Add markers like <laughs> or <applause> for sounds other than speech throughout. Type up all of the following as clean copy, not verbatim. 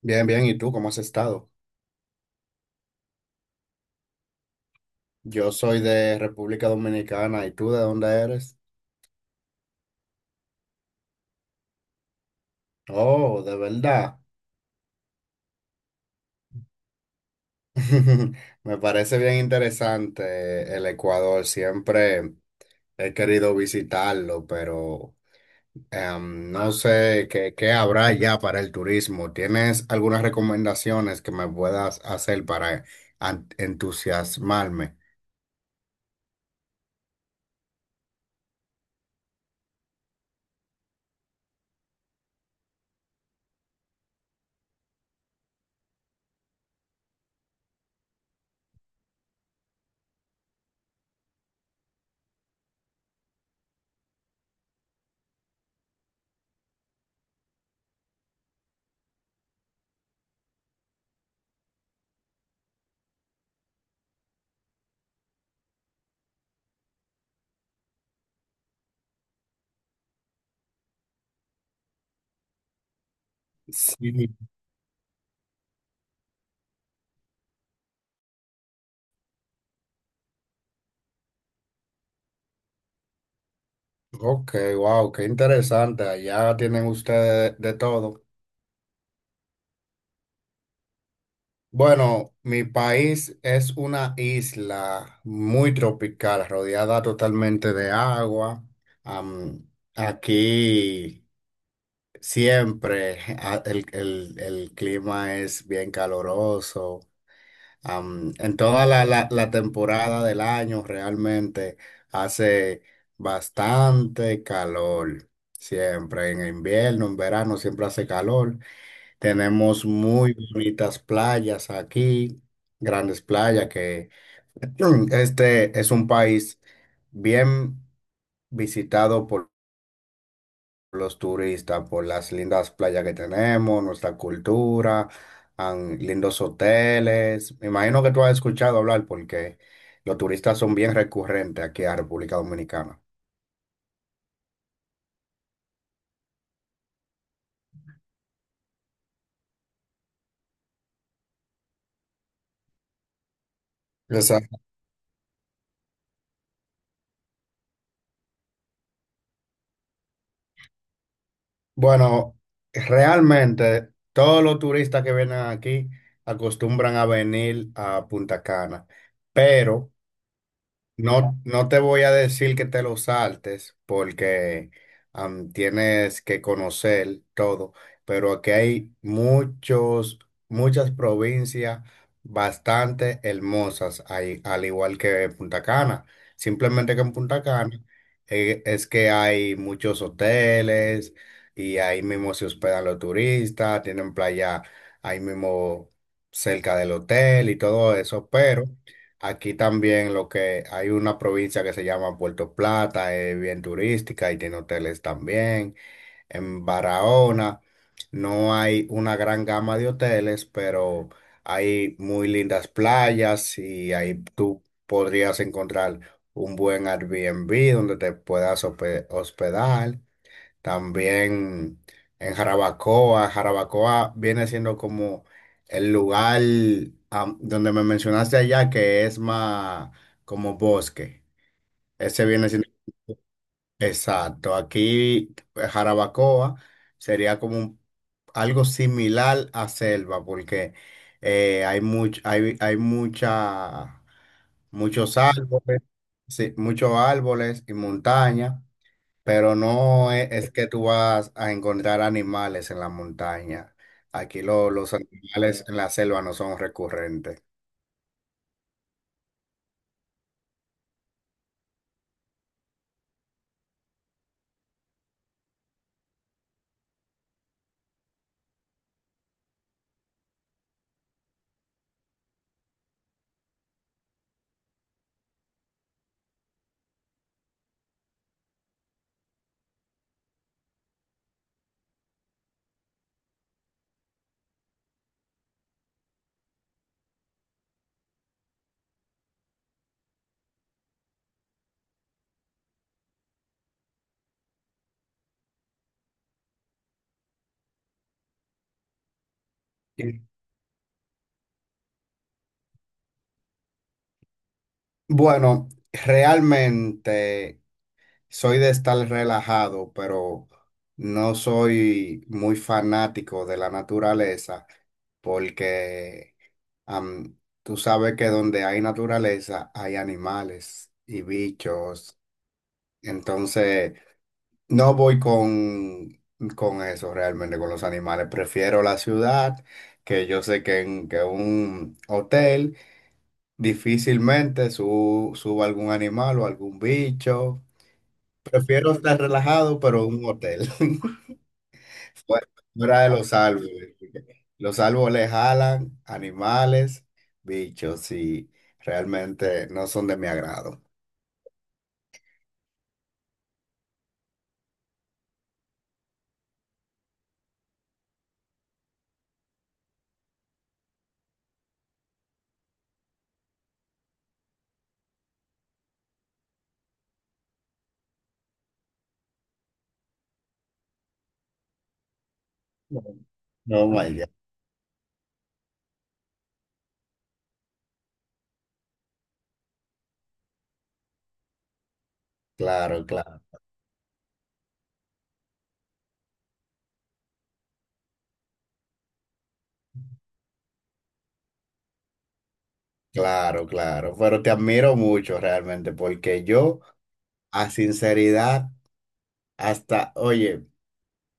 Bien, bien. ¿Y tú cómo has estado? Yo soy de República Dominicana. ¿Y tú de dónde eres? Oh, de verdad. <laughs> Me parece bien interesante el Ecuador. Siempre he querido visitarlo, pero no sé qué habrá ya para el turismo. ¿Tienes algunas recomendaciones que me puedas hacer para entusiasmarme? Sí. Ok, wow, qué interesante. Allá tienen ustedes de todo. Bueno, mi país es una isla muy tropical, rodeada totalmente de agua. Am, aquí siempre el clima es bien caloroso. En toda la temporada del año realmente hace bastante calor. Siempre en invierno, en verano siempre hace calor. Tenemos muy bonitas playas aquí, grandes playas que <clears throat> este es un país bien visitado por los turistas, por las lindas playas que tenemos, nuestra cultura, lindos hoteles. Me imagino que tú has escuchado hablar porque los turistas son bien recurrentes aquí a República Dominicana. Bueno, realmente todos los turistas que vienen aquí acostumbran a venir a Punta Cana, pero no te voy a decir que te lo saltes porque tienes que conocer todo, pero aquí hay muchos, muchas provincias bastante hermosas, ahí, al igual que Punta Cana. Simplemente que en Punta Cana es que hay muchos hoteles y ahí mismo se hospedan los turistas, tienen playa ahí mismo cerca del hotel y todo eso, pero... Aquí también lo que hay una provincia que se llama Puerto Plata, es bien turística y tiene hoteles también. En Barahona no hay una gran gama de hoteles, pero hay muy lindas playas y ahí tú podrías encontrar un buen Airbnb donde te puedas hospedar. También en Jarabacoa. Jarabacoa viene siendo como el lugar donde me mencionaste allá que es más como bosque. Ese viene siendo exacto. Aquí Jarabacoa sería como algo similar a selva porque hay hay mucha, muchos árboles, sí, muchos árboles y montaña. Pero no es que tú vas a encontrar animales en la montaña. Aquí los animales en la selva no son recurrentes. Sí. Bueno, realmente soy de estar relajado, pero no soy muy fanático de la naturaleza porque am, tú sabes que donde hay naturaleza hay animales y bichos. Entonces... No voy con eso realmente, con los animales. Prefiero la ciudad, que yo sé que en que un hotel difícilmente suba algún animal o algún bicho. Prefiero estar relajado, pero en un hotel. <laughs> Fuera fuera de los árboles. Los árboles jalan animales, bichos, y realmente no son de mi agrado. No, no, my God. Claro, claro. Claro, claro, pero te admiro mucho realmente porque yo, a sinceridad, hasta, oye,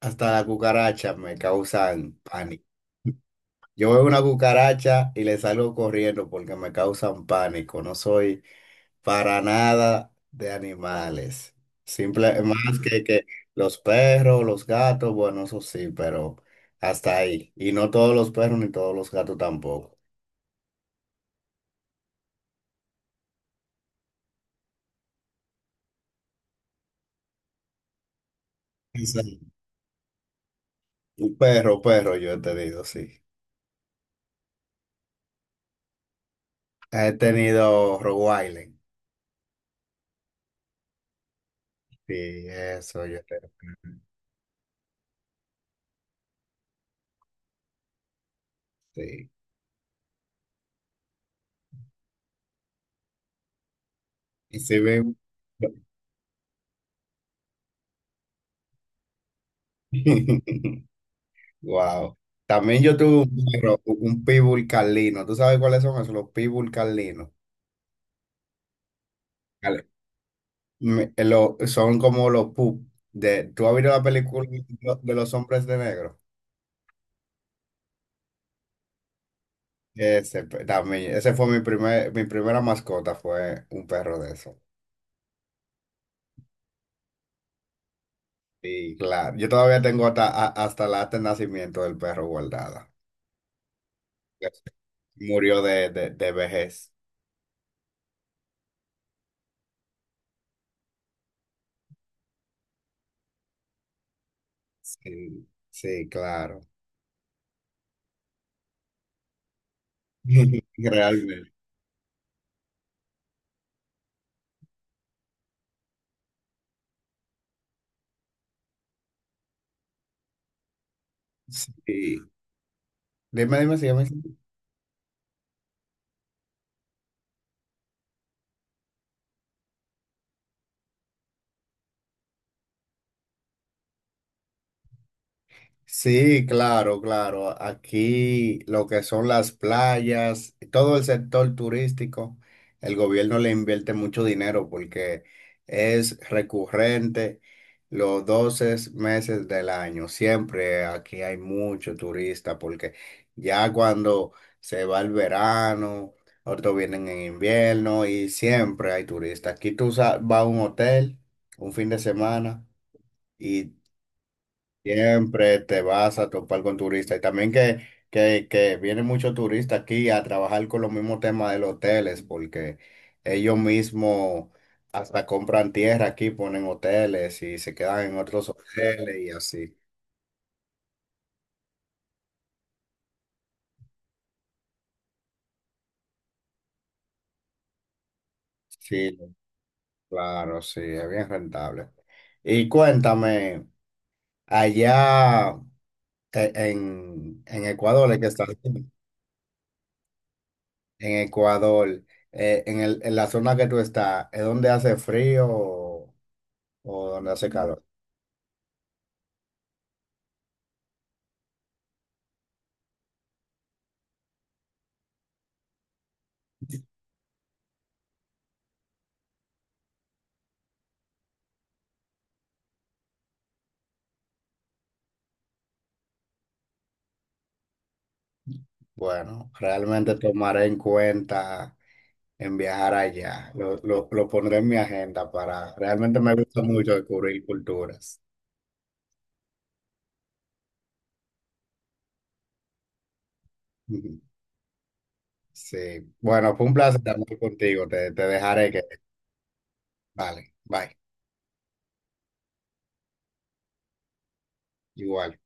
hasta la cucaracha me causan pánico. Yo veo una cucaracha y le salgo corriendo porque me causan pánico. No soy para nada de animales. Simple, más que los perros, los gatos, bueno, eso sí, pero hasta ahí. Y no todos los perros ni todos los gatos tampoco. Exacto. Perro, yo te digo, sí. He tenido Rogue Island. Sí, eso yo te... Sí. Y sí <laughs> Wow. También yo tuve un perro, un pitbull carlino. ¿Tú sabes cuáles son esos? Los pitbull carlinos. Vale. Son como los pup. De, ¿tú has visto la película de de los hombres de negro? Ese, también, ese fue mi primer, mi primera mascota, fue un perro de eso. Y claro, yo todavía tengo hasta, hasta la acta de nacimiento del perro guardada. Murió de vejez. Sí, sí, claro. <laughs> Realmente. Sí. Dime, sígueme. Sí, claro, claro. Aquí lo que son las playas, todo el sector turístico, el gobierno le invierte mucho dinero porque es recurrente los 12 meses del año. Siempre aquí hay mucho turista porque ya cuando se va el verano, otros vienen en invierno y siempre hay turistas. Aquí tú vas a un hotel un fin de semana. Y siempre te vas a topar con turistas y también que vienen muchos turistas aquí a trabajar con los mismos temas de los hoteles porque ellos mismos hasta compran tierra aquí, ponen hoteles y se quedan en otros hoteles y así. Sí, claro, sí, es bien rentable. Y cuéntame, allá en Ecuador, es que estás? En Ecuador, en en la zona que tú estás, ¿es donde hace frío o donde hace calor? Bueno, realmente tomaré en cuenta en viajar allá. Lo pondré en mi agenda para... Realmente me gusta mucho descubrir culturas. Ujú. Sí. Bueno, fue un placer hablar contigo. Te dejaré que... Vale, bye. Igual.